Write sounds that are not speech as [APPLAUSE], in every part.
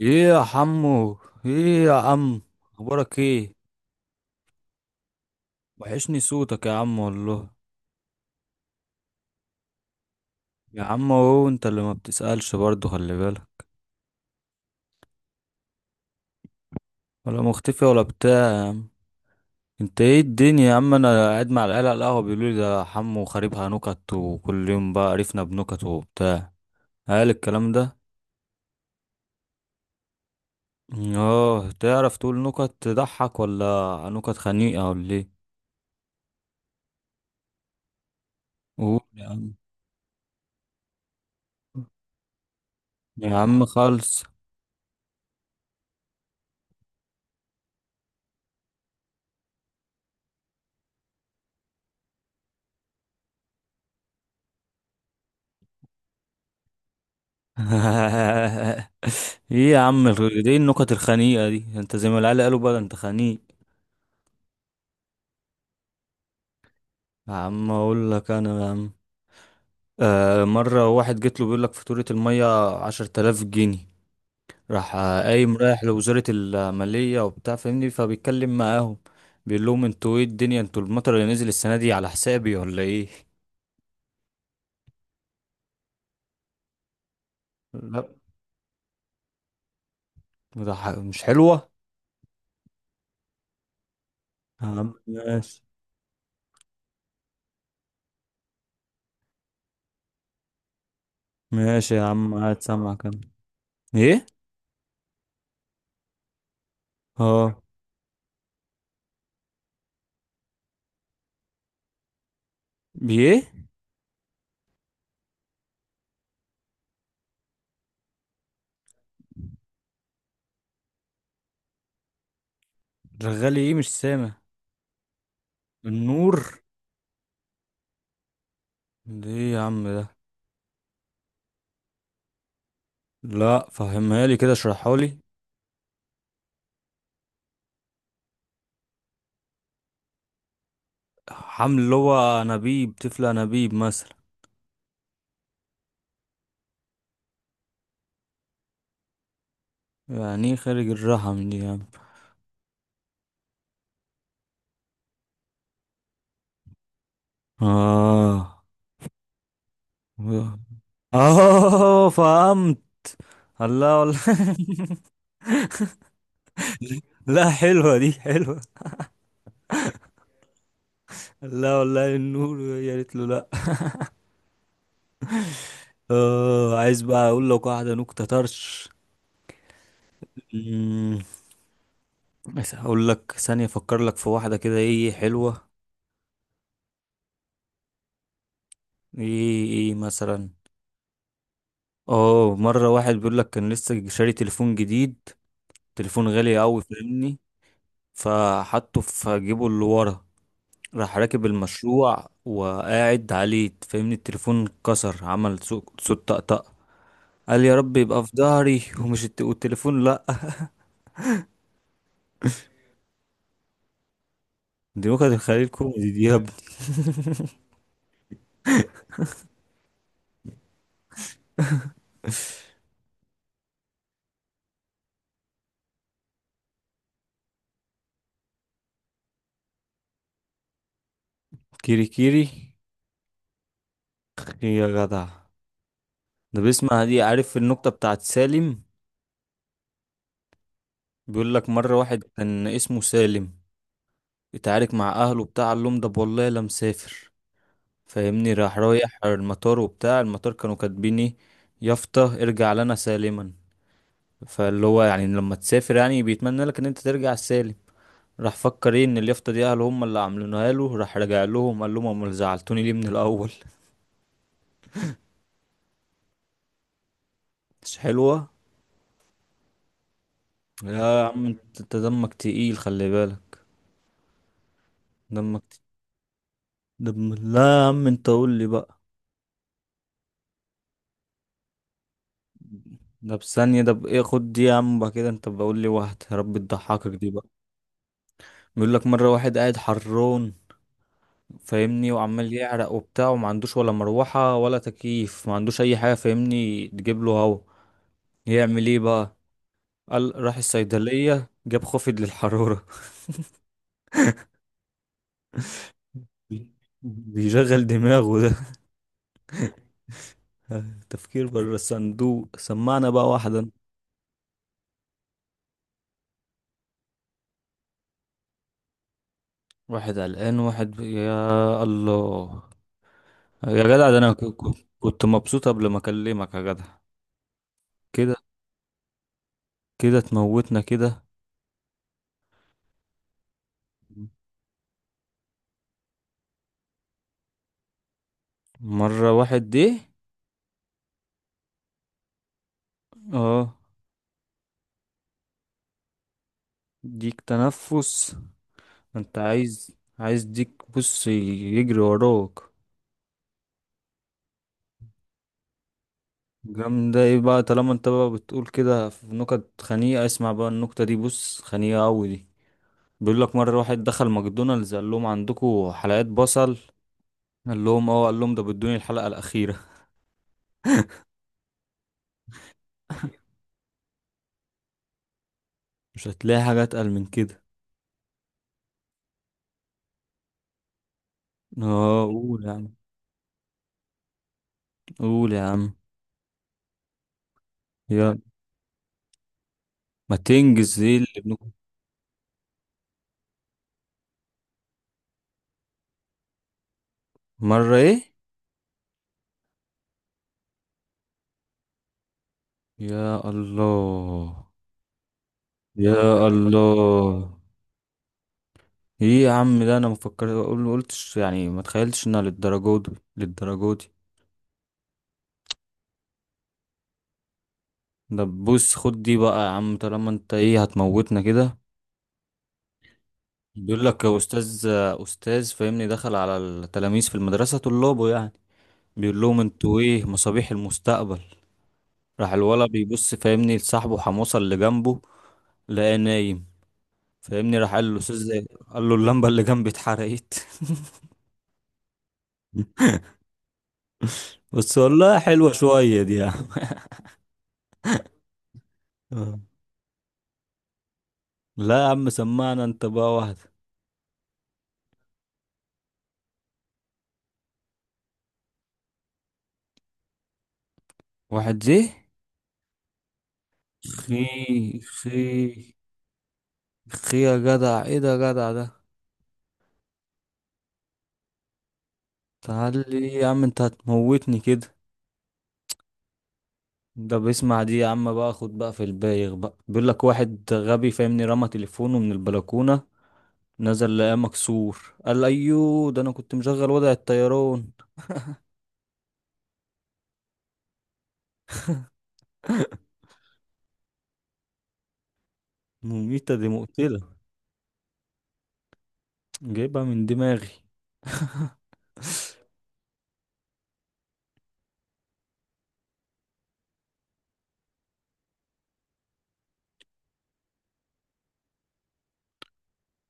ايه يا عمو. ايه يا عم، اخبارك ايه؟ وحشني صوتك يا عم والله. يا عم اهو انت اللي ما بتسألش برضه، خلي بالك. ولا مختفي ولا بتاع يا عم. انت ايه الدنيا يا عم؟ انا قاعد مع العيال على القهوة بيقولوا لي ده حمو خاربها نكت، وكل يوم بقى عرفنا بنكت وبتاع. قال الكلام ده. اه، تعرف تقول نكت تضحك ولا نكت خنيقة ولا ايه؟ قول يا عم. يا عم خالص. [LAUGHS] ايه يا عم ايه النكت الخنيقة دي؟ انت زي ما العيال قالوا بقى انت خنيق. يا عم اقول لك انا يا عم. آه، مرة واحد جيت له بيقول لك فاتورة المية 10,000 جنيه. راح قايم رايح لوزارة المالية وبتاع، فاهمني، فبيتكلم معاهم. بيقول لهم انتوا ايه الدنيا؟ انتوا المطر اللي نزل السنة دي على حسابي ولا ايه؟ لا، ده مش حلوة. يا عم ماشي. ماشي يا عم، قاعد سامعك أنا. ايه؟ اه. بيه. رغالي ايه؟ مش سامع. النور. ليه يا عم ده؟ لا، فهمها لي كده، اشرحها لي. حمل اللي هو انابيب، طفل انابيب مثلا. يعني ايه خارج الرحم دي يا عم؟ اه. اه فهمت. الله والله. [LAUGHS] لا حلوه، دي حلوه. لا والله النور يا ريت له، لا. اه، عايز بقى اقول لك واحده نكته طرش. أمم، بس هقول لك ثانيه افكر لك في واحده كده. ايه، إيه حلوه. ايه ايه مثلا. اه، مرة واحد بيقول لك كان لسه شاري تليفون جديد، تليفون غالي قوي، فاهمني، فحطه في جيبه اللي ورا. راح راكب المشروع وقاعد عليه، فاهمني، التليفون اتكسر، عمل صوت طقطقة. قال يا رب يبقى في ظهري ومش والتليفون لأ. دي نكت الخليل كوميدي دي يا ابني. كيري كيري. يا جدع. ده بيسمع دي؟ عارف النكتة بتاعت سالم؟ بيقول لك مرة واحد كان اسمه سالم، اتعارك مع أهله بتاع قال لهم ده والله لا مسافر، فاهمني، راح رايح المطار وبتاع. المطار كانوا كاتبين ايه؟ يافطة: ارجع لنا سالما. فاللي هو يعني لما تسافر يعني بيتمنى لك ان انت ترجع سالم. راح فكر ايه، ان اليافطة دي اهله هم اللي عاملينها له. راح رجع لهم قال لهم امال زعلتوني ليه من الاول؟ [LAUGHS] مش حلوة. لا يا عم انت أنت دمك تقيل، خلي بالك. دمك ت- دم، لا يا عم انت قول لي بقى. ده بثانية، ده بإيه، خد دي يا عم بقى. كده انت بقول لي واحد يا رب تضحكك دي بقى. بيقول لك مرة واحد قاعد حران، فاهمني، وعمال يعرق وبتاع، وما عندوش ولا مروحة ولا تكييف، ما عندوش اي حاجة، فاهمني، تجيب له هوا. يعمل ايه بقى؟ قال راح الصيدلية جاب خافض للحرارة. [LAUGHS] بيشغل دماغه ده. [LAUGHS] تفكير بره الصندوق. سمعنا بقى واحدا. واحد قلقان، يا الله. يا جدع، ده انا كنت مبسوط قبل ما اكلمك يا جدع. كده، كده تموتنا كده. مرة واحد دي. اه. ديك تنفس؟ انت عايز، ديك بص يجري وراك. جامدة ايه بقى؟ طالما انت بقى بتقول كده في نكت خنيقة، اسمع بقى النكتة دي، بص خنيقة اوي دي. بيقول لك مرة واحد دخل ماكدونالدز قال لهم عندكم حلقات بصل؟ قال لهم اه. قال لهم ده بدوني الحلقة الأخيرة. [LAUGHS] مش هتلاقي حاجة أتقل من كده. اه قول يا عم. قول يا عم. يا، ما تنجز ايه اللي بنقول. مرة ايه؟ يا الله. يا الله. ايه يا عم ده، انا ما فكرت اقول قلتش يعني، ما تخيلتش انها للدرجه دي، للدرجه دي. ده بص، خد دي بقى يا عم، طالما انت ايه هتموتنا كده. بيقول لك يا استاذ، استاذ فاهمني دخل على التلاميذ في المدرسه، طلابه يعني، بيقول لهم انتوا ايه مصابيح المستقبل. راح الولد بيبص فاهمني لصاحبه حموصه اللي جنبه، لقاه نايم. فاهمني راح قال له استاذ إيه؟ قال له اللمبه اللي جنبي اتحرقت. [LAUGHS] بس والله حلوه شويه دي يا عم. [LAUGHS] لا يا عم، سمعنا انت بقى واحده. واحد زي. خي. خي. خي يا جدع، ايه ده يا جدع ده. تعال لي يا عم، انت هتموتني كده. ده بيسمع دي يا عم بقى، خد بقى في البايغ بقى. بيقول لك واحد غبي فاهمني رمى تليفونه من البلكونة. نزل لقاه مكسور قال ايوه، ده انا كنت مشغل وضع الطيران. مميتة دي، مقتلة. جايبها من دماغي.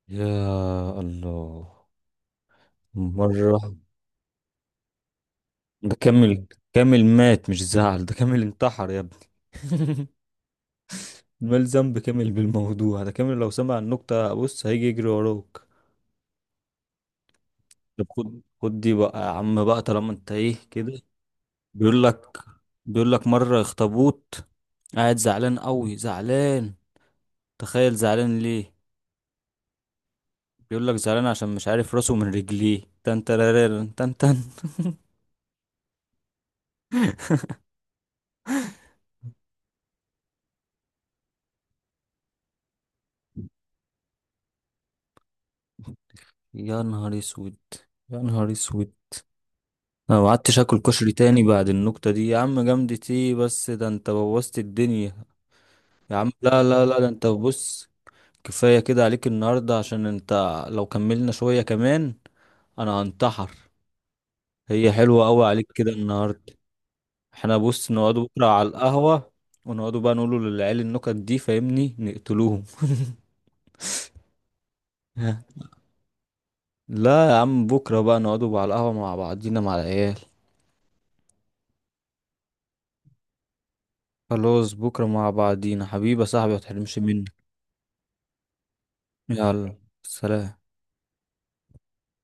يا الله. مرة. ده كامل. كامل مات مش زعل. ده كامل انتحر يا ابني. [LAUGHS] مال ذنب كامل بالموضوع ده؟ كامل لو سمع النكتة بص هيجي يجري وراك. طب خد، دي بقى يا عم بقى، طالما انت ايه كده. بيقول لك بيقول لك مرة اخطبوط قاعد زعلان قوي، زعلان. تخيل، زعلان ليه؟ بيقول لك زعلان عشان مش عارف راسه من رجليه. تن ترارارن، تن تن. يا نهار اسود. يا نهار اسود. انا ما قعدتش اكل كشري تاني بعد النكتة دي يا عم. جامدة ايه بس، ده انت بوظت الدنيا. يا عم لا لا لا، ده انت بص، كفاية كده عليك النهاردة، عشان انت لو كملنا شوية كمان انا هنتحر. هي حلوة قوي عليك كده النهاردة. احنا بص نقعدوا بكرة على القهوة، ونقعدوا بقى نقولوا للعيال النكت دي فاهمني، نقتلوهم. [LAUGHS] لا يا عم، بكرة بقى نقعدوا بقى على القهوة مع بعضينا مع العيال. خلاص، بكرة مع بعضينا حبيبي يا صاحبي، متحرمش مني. يلا سلام.